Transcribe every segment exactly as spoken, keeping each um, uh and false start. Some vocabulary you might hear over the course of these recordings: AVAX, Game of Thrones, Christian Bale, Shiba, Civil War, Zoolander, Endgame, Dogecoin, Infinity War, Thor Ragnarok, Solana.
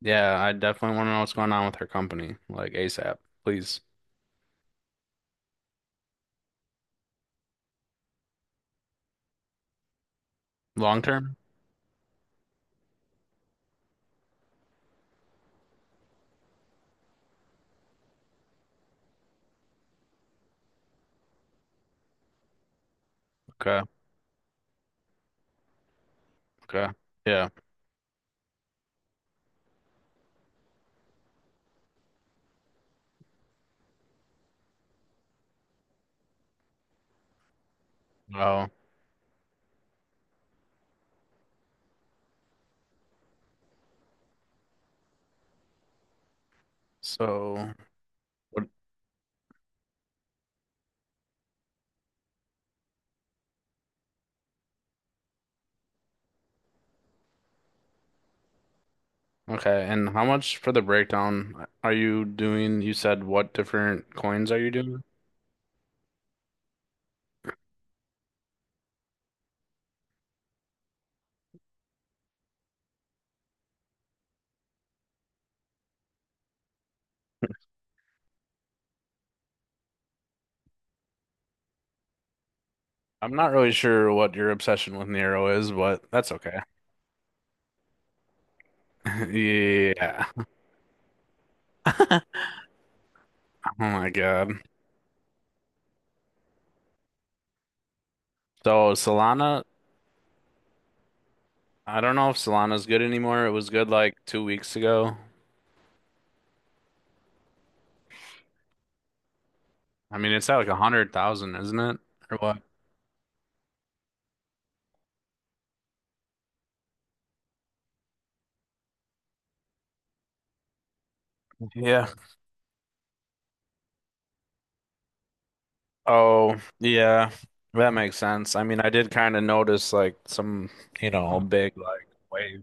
Yeah, I definitely want to know what's going on with her company, like ASAP, please. Long term? Okay, okay. Yeah. Oh, so what- okay. And how much for the breakdown are you doing? You said what different coins are you doing? I'm not really sure what your obsession with Nero is, but that's okay. Yeah. Oh my God. So Solana, I don't know if Solana's good anymore. It was good like two weeks ago. I mean, it's at like a hundred thousand, isn't it? Or what? Yeah. Oh, yeah, that makes sense. I mean, I did kind of notice like some, you know, big like wave.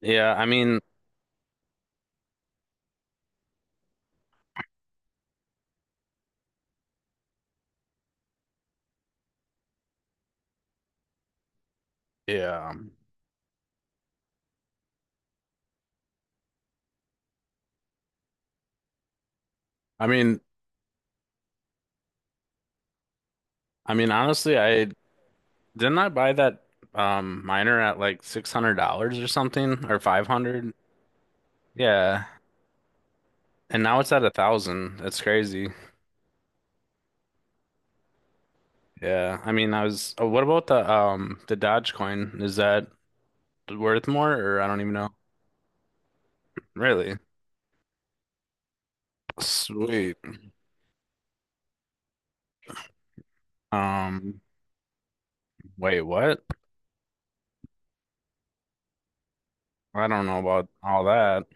Yeah, I mean, yeah. I mean, I mean, honestly, I didn't I buy that um miner at like six hundred dollars or something or five hundred? Yeah. And now it's at a thousand. That's crazy. Yeah. I mean, I was oh, what about the um the Dodge coin? Is that worth more or I don't even know. Really? Sweet. Um, wait, what? I don't know about all that.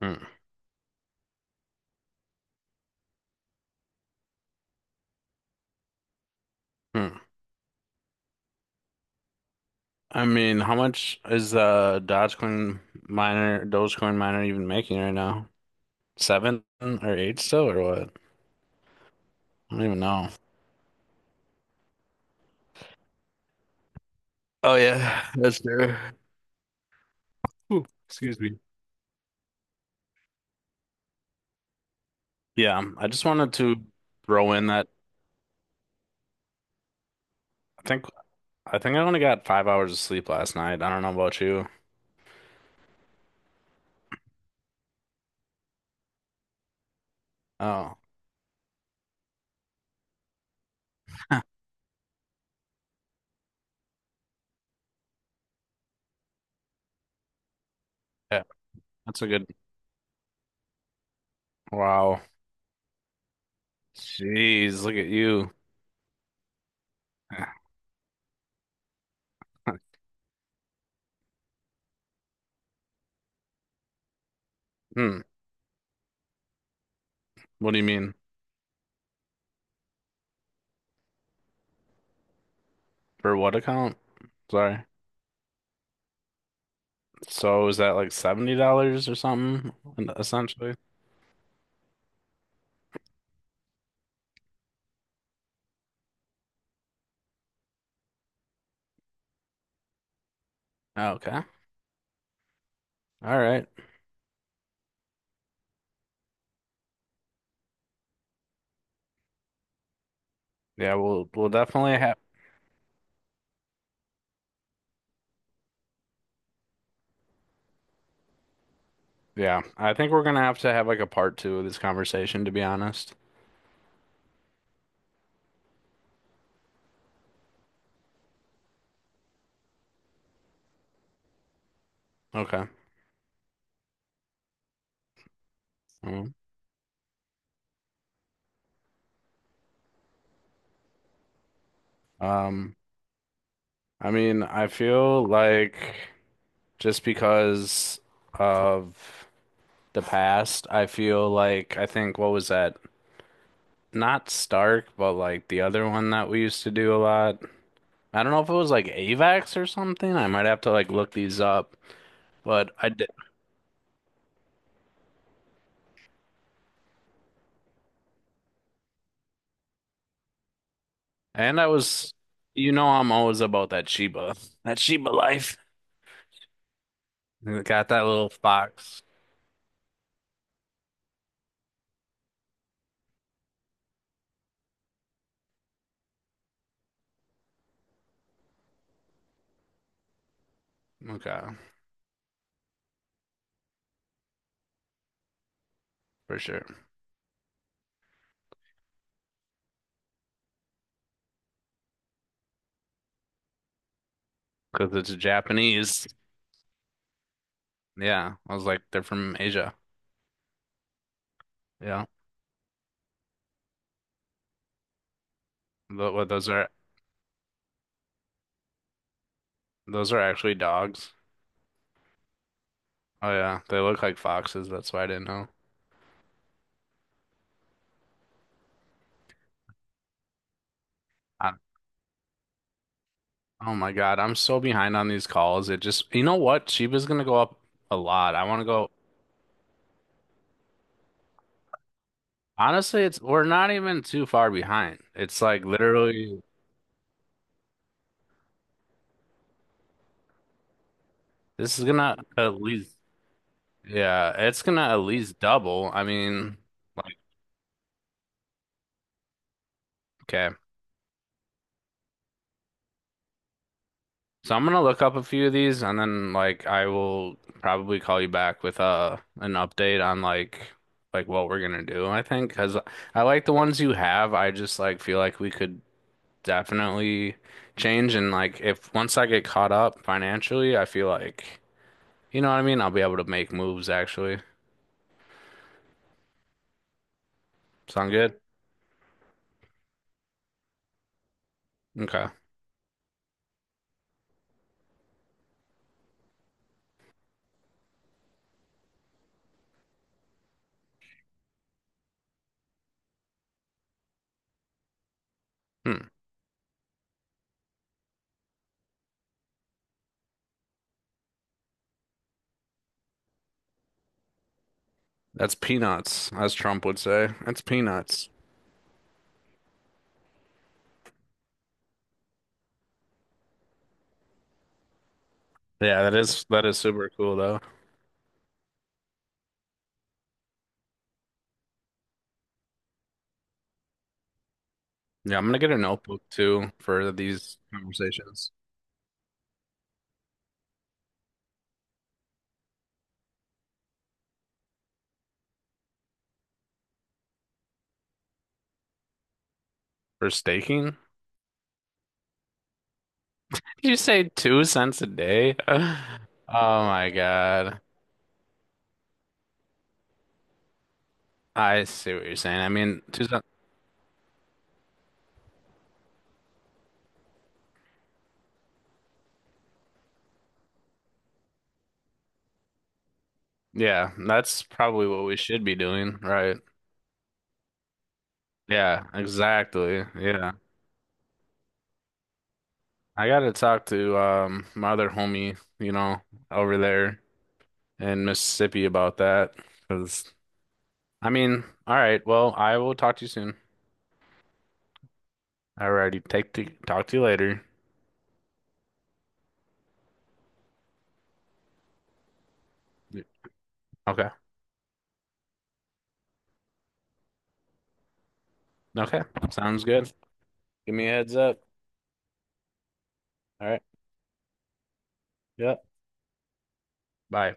Hmm. Hmm. I mean, how much is uh Dogecoin miner, Dogecoin miner even making right now? Seven or eight still or what? I don't even know. Oh yeah, that's true. Ooh, excuse me. Yeah, I just wanted to throw in that I think I think I only got five hours of sleep last night. I don't know about you. Oh, yeah, that's a good. Wow. Jeez, look at you. Hmm. What do you mean? For what account? Sorry. So is that like seventy dollars or something essentially? Okay. All right. Yeah, we'll we'll definitely have yeah, I think we're gonna have to have like a part two of this conversation, to be honest. Okay. Mm. Um, I mean, I feel like just because of the past, I feel like I think what was that? Not Stark, but like the other one that we used to do a lot. I don't know if it was like A V A X or something. I might have to like look these up. But I d And I was, you know, I'm always about that Shiba, that Shiba life. It got that little fox. Okay, for sure. Because it's Japanese. Yeah, I was like, they're from Asia. Yeah, Tho- what those are those are actually dogs. Oh yeah, they look like foxes. That's why I didn't know. I, oh my God, I'm so behind on these calls. It just, you know what? Shiba's gonna go up a lot. I want to go. Honestly, it's we're not even too far behind. It's like literally, this is gonna at least. Yeah, it's gonna at least double. I mean, like, okay. So I'm gonna look up a few of these and then like I will probably call you back with uh an update on like like what we're gonna do, I think, because I like the ones you have. I just like feel like we could definitely change, and like if once I get caught up financially, I feel like you know what I mean? I'll be able to make moves actually. Sound good? Okay. Hmm. That's peanuts, as Trump would say. That's peanuts. Yeah, that is that is super cool though. Yeah, I'm gonna get a notebook too for these conversations. For staking? You say two cents a day? Oh my God. I see what you're saying. I mean, two cents. Yeah, that's probably what we should be doing, right? Yeah, exactly. Yeah. I gotta talk to um my other homie, you know, over there in Mississippi about that. 'Cause I mean, all right, well, I will talk to you soon. Alrighty, take to talk to you later. Okay. Okay. Sounds good. Give me a heads up. All right. Yep. Bye.